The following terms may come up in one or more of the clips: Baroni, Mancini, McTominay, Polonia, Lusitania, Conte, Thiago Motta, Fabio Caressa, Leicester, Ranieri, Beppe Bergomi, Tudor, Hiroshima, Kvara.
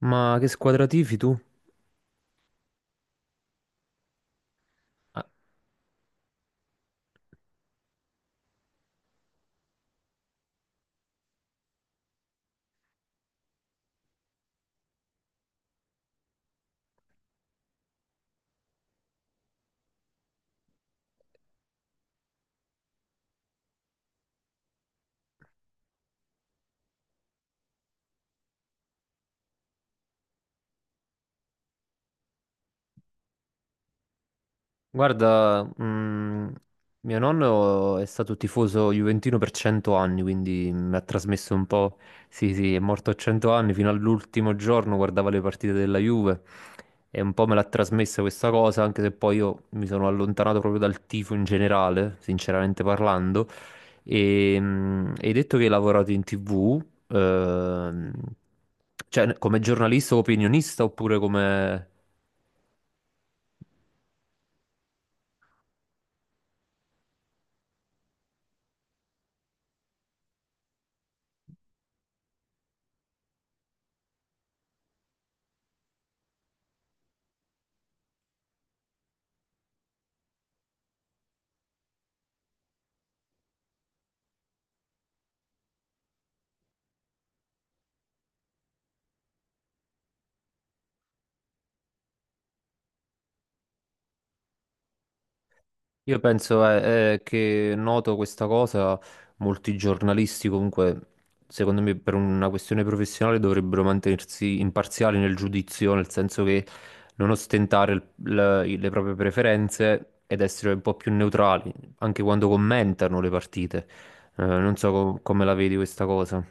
Ma che squadra tifi tu? Ah, guarda, mm, Mio nonno è stato tifoso juventino per 100 anni, quindi mi ha trasmesso un po'. Sì, sì, è morto a 100 anni, fino all'ultimo giorno guardava le partite della Juve e un po' me l'ha trasmessa questa cosa, anche se poi io mi sono allontanato proprio dal tifo in generale, sinceramente parlando. Hai detto che hai lavorato in TV, ehm, cioè come giornalista o opinionista oppure come... Io penso che noto questa cosa, molti giornalisti comunque, secondo me per una questione professionale dovrebbero mantenersi imparziali nel giudizio, nel senso che non ostentare le proprie preferenze ed essere un po' più neutrali, anche quando commentano le partite. Non so come la vedi questa cosa.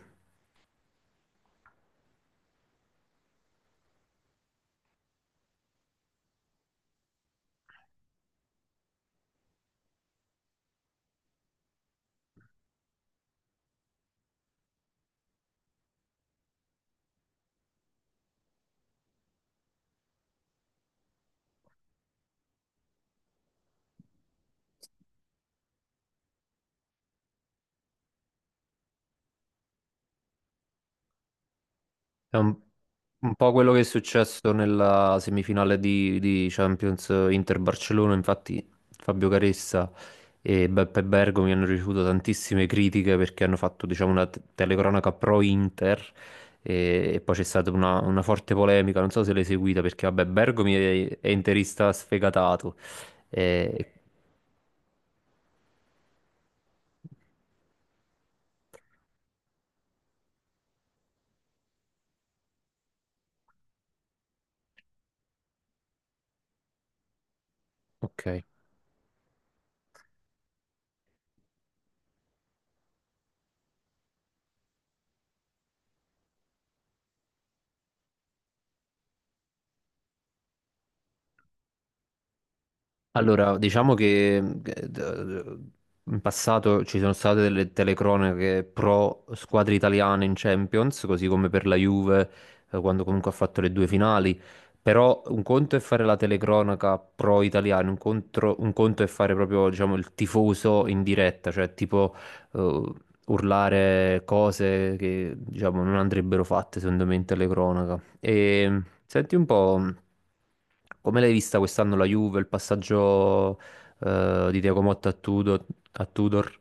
È un po' quello che è successo nella semifinale di Champions Inter-Barcellona. Infatti Fabio Caressa e Beppe Bergomi hanno ricevuto tantissime critiche perché hanno fatto diciamo, una telecronaca pro-Inter e poi c'è stata una forte polemica, non so se l'hai seguita perché vabbè Bergomi è interista sfegatato. E- Ok. Allora, diciamo che d- in passato ci sono state delle telecronache pro squadre italiane in Champions, così come per la Juve, quando comunque ha fatto le due finali. Però un conto è fare la telecronaca pro italiana, un conto è fare proprio, diciamo, il tifoso in diretta, cioè tipo eh, urlare cose che, diciamo, non andrebbero fatte, secondo me, in telecronaca. E senti un po', come l'hai vista quest'anno la Juve, il passaggio di Thiago Motta a Tudor, a Tudor?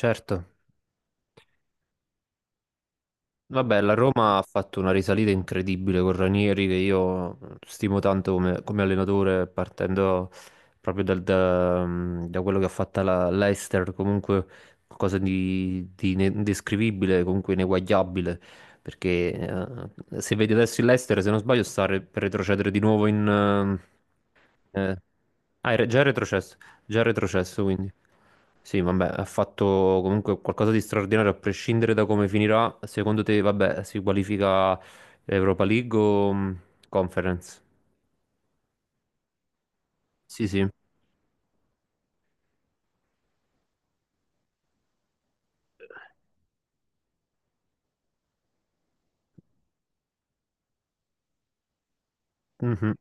Certo. Vabbè, la Roma ha fatto una risalita incredibile con Ranieri, che io stimo tanto come, come allenatore, partendo proprio da quello che ha fatto la l'Leicester, comunque qualcosa di indescrivibile, comunque ineguagliabile, perché se vedi adesso il Leicester, se non sbaglio, sta per retrocedere di nuovo in, eh. Ah, già è retrocesso quindi. Sì, vabbè, ha fatto comunque qualcosa di straordinario, a prescindere da come finirà. Secondo te, vabbè, si qualifica Europa League o Conference? Sì, sì. Mhm.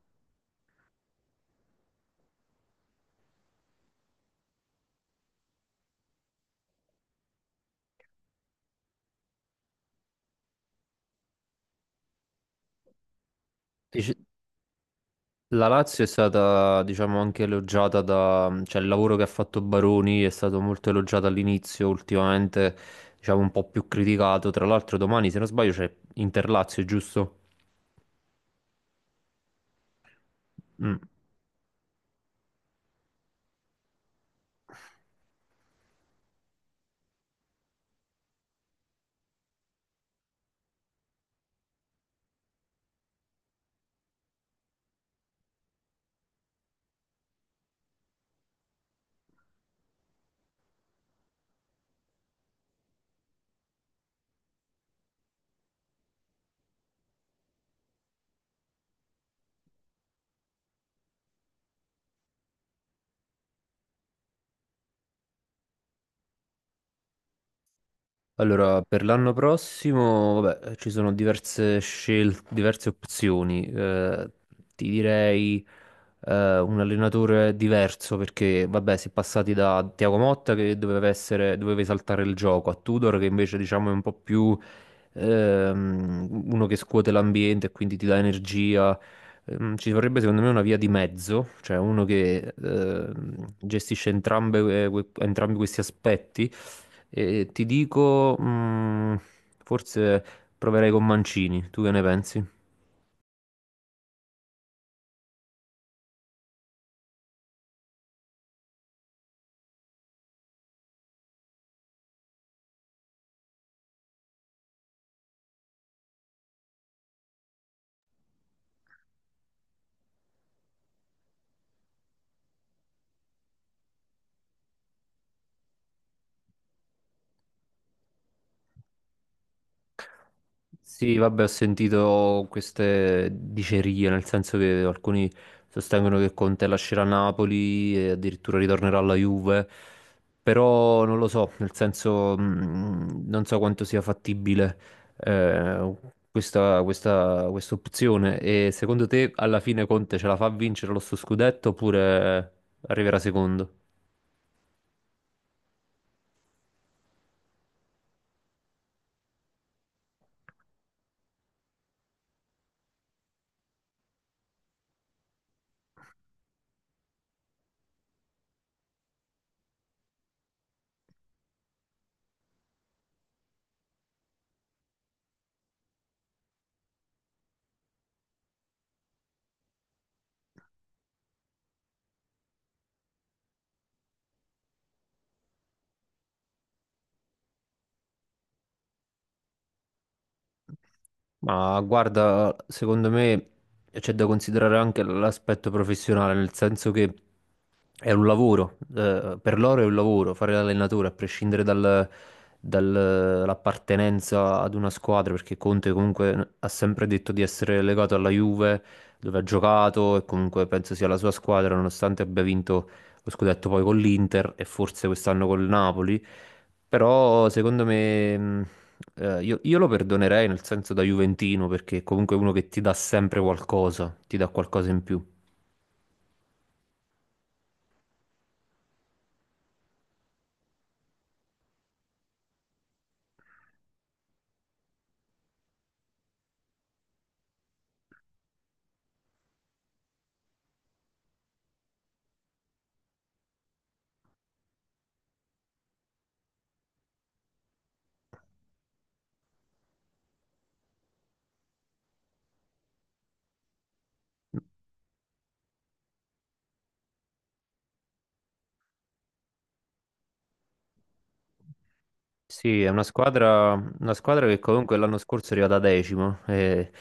Dice- La Lazio è stata, diciamo, anche elogiata da... cioè il lavoro che ha fatto Baroni è stato molto elogiato all'inizio, ultimamente, diciamo, un po' più criticato. Tra l'altro domani, se non sbaglio, c'è Inter-Lazio, giusto? Mm. Allora, per l'anno prossimo, vabbè, ci sono diverse scelte, diverse opzioni. Ti direi un allenatore diverso perché, vabbè, si è passati da Thiago Motta che doveva essere, doveva esaltare il gioco, a Tudor che invece diciamo è un po' più uno che scuote l'ambiente e quindi ti dà energia. Ci vorrebbe secondo me una via di mezzo, cioè uno che gestisce entrambe, entrambi questi aspetti. E ti dico, mm, forse proverei con Mancini, tu che ne pensi? Sì, vabbè, ho sentito queste dicerie, nel senso che alcuni sostengono che Conte lascerà Napoli e addirittura ritornerà alla Juve, però non lo so, nel senso non so quanto sia fattibile eh, questa opzione. E secondo te alla fine Conte ce la fa a vincere lo suo scudetto oppure arriverà secondo? Ma guarda, secondo me c'è da considerare anche l'aspetto professionale, nel senso che è un lavoro, per loro è un lavoro, fare l'allenatore, a prescindere dall'appartenenza ad una squadra, perché Conte comunque ha sempre detto di essere legato alla Juve, dove ha giocato e comunque penso sia la sua squadra, nonostante abbia vinto lo scudetto poi con l'Inter e forse quest'anno col Napoli, però secondo me... io lo perdonerei nel senso da Juventino perché comunque è uno che ti dà sempre qualcosa, ti dà qualcosa in più. Sì, una squadra che comunque l'anno scorso è arrivata decimo e,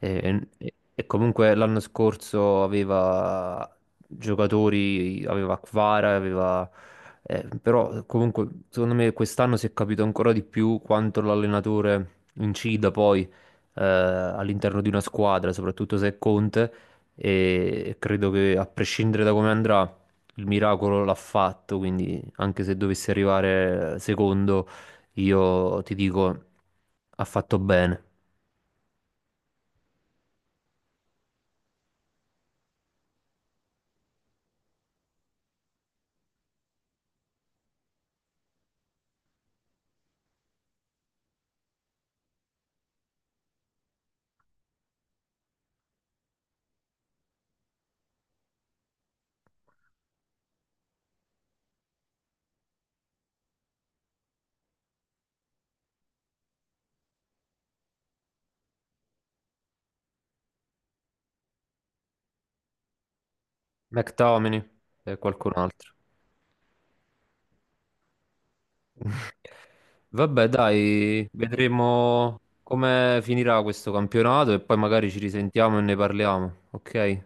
e- e- e comunque l'anno scorso aveva giocatori, aveva Kvara, aveva, però comunque secondo me quest'anno si è capito ancora di più quanto l'allenatore incida poi all'interno di una squadra, soprattutto se è Conte e credo che a prescindere da come andrà il miracolo l'ha fatto, quindi anche se dovesse arrivare secondo io ti dico, ha fatto bene. McTominay e qualcun altro. Vabbè, dai, vedremo come finirà questo campionato e poi magari ci risentiamo e ne parliamo, ok?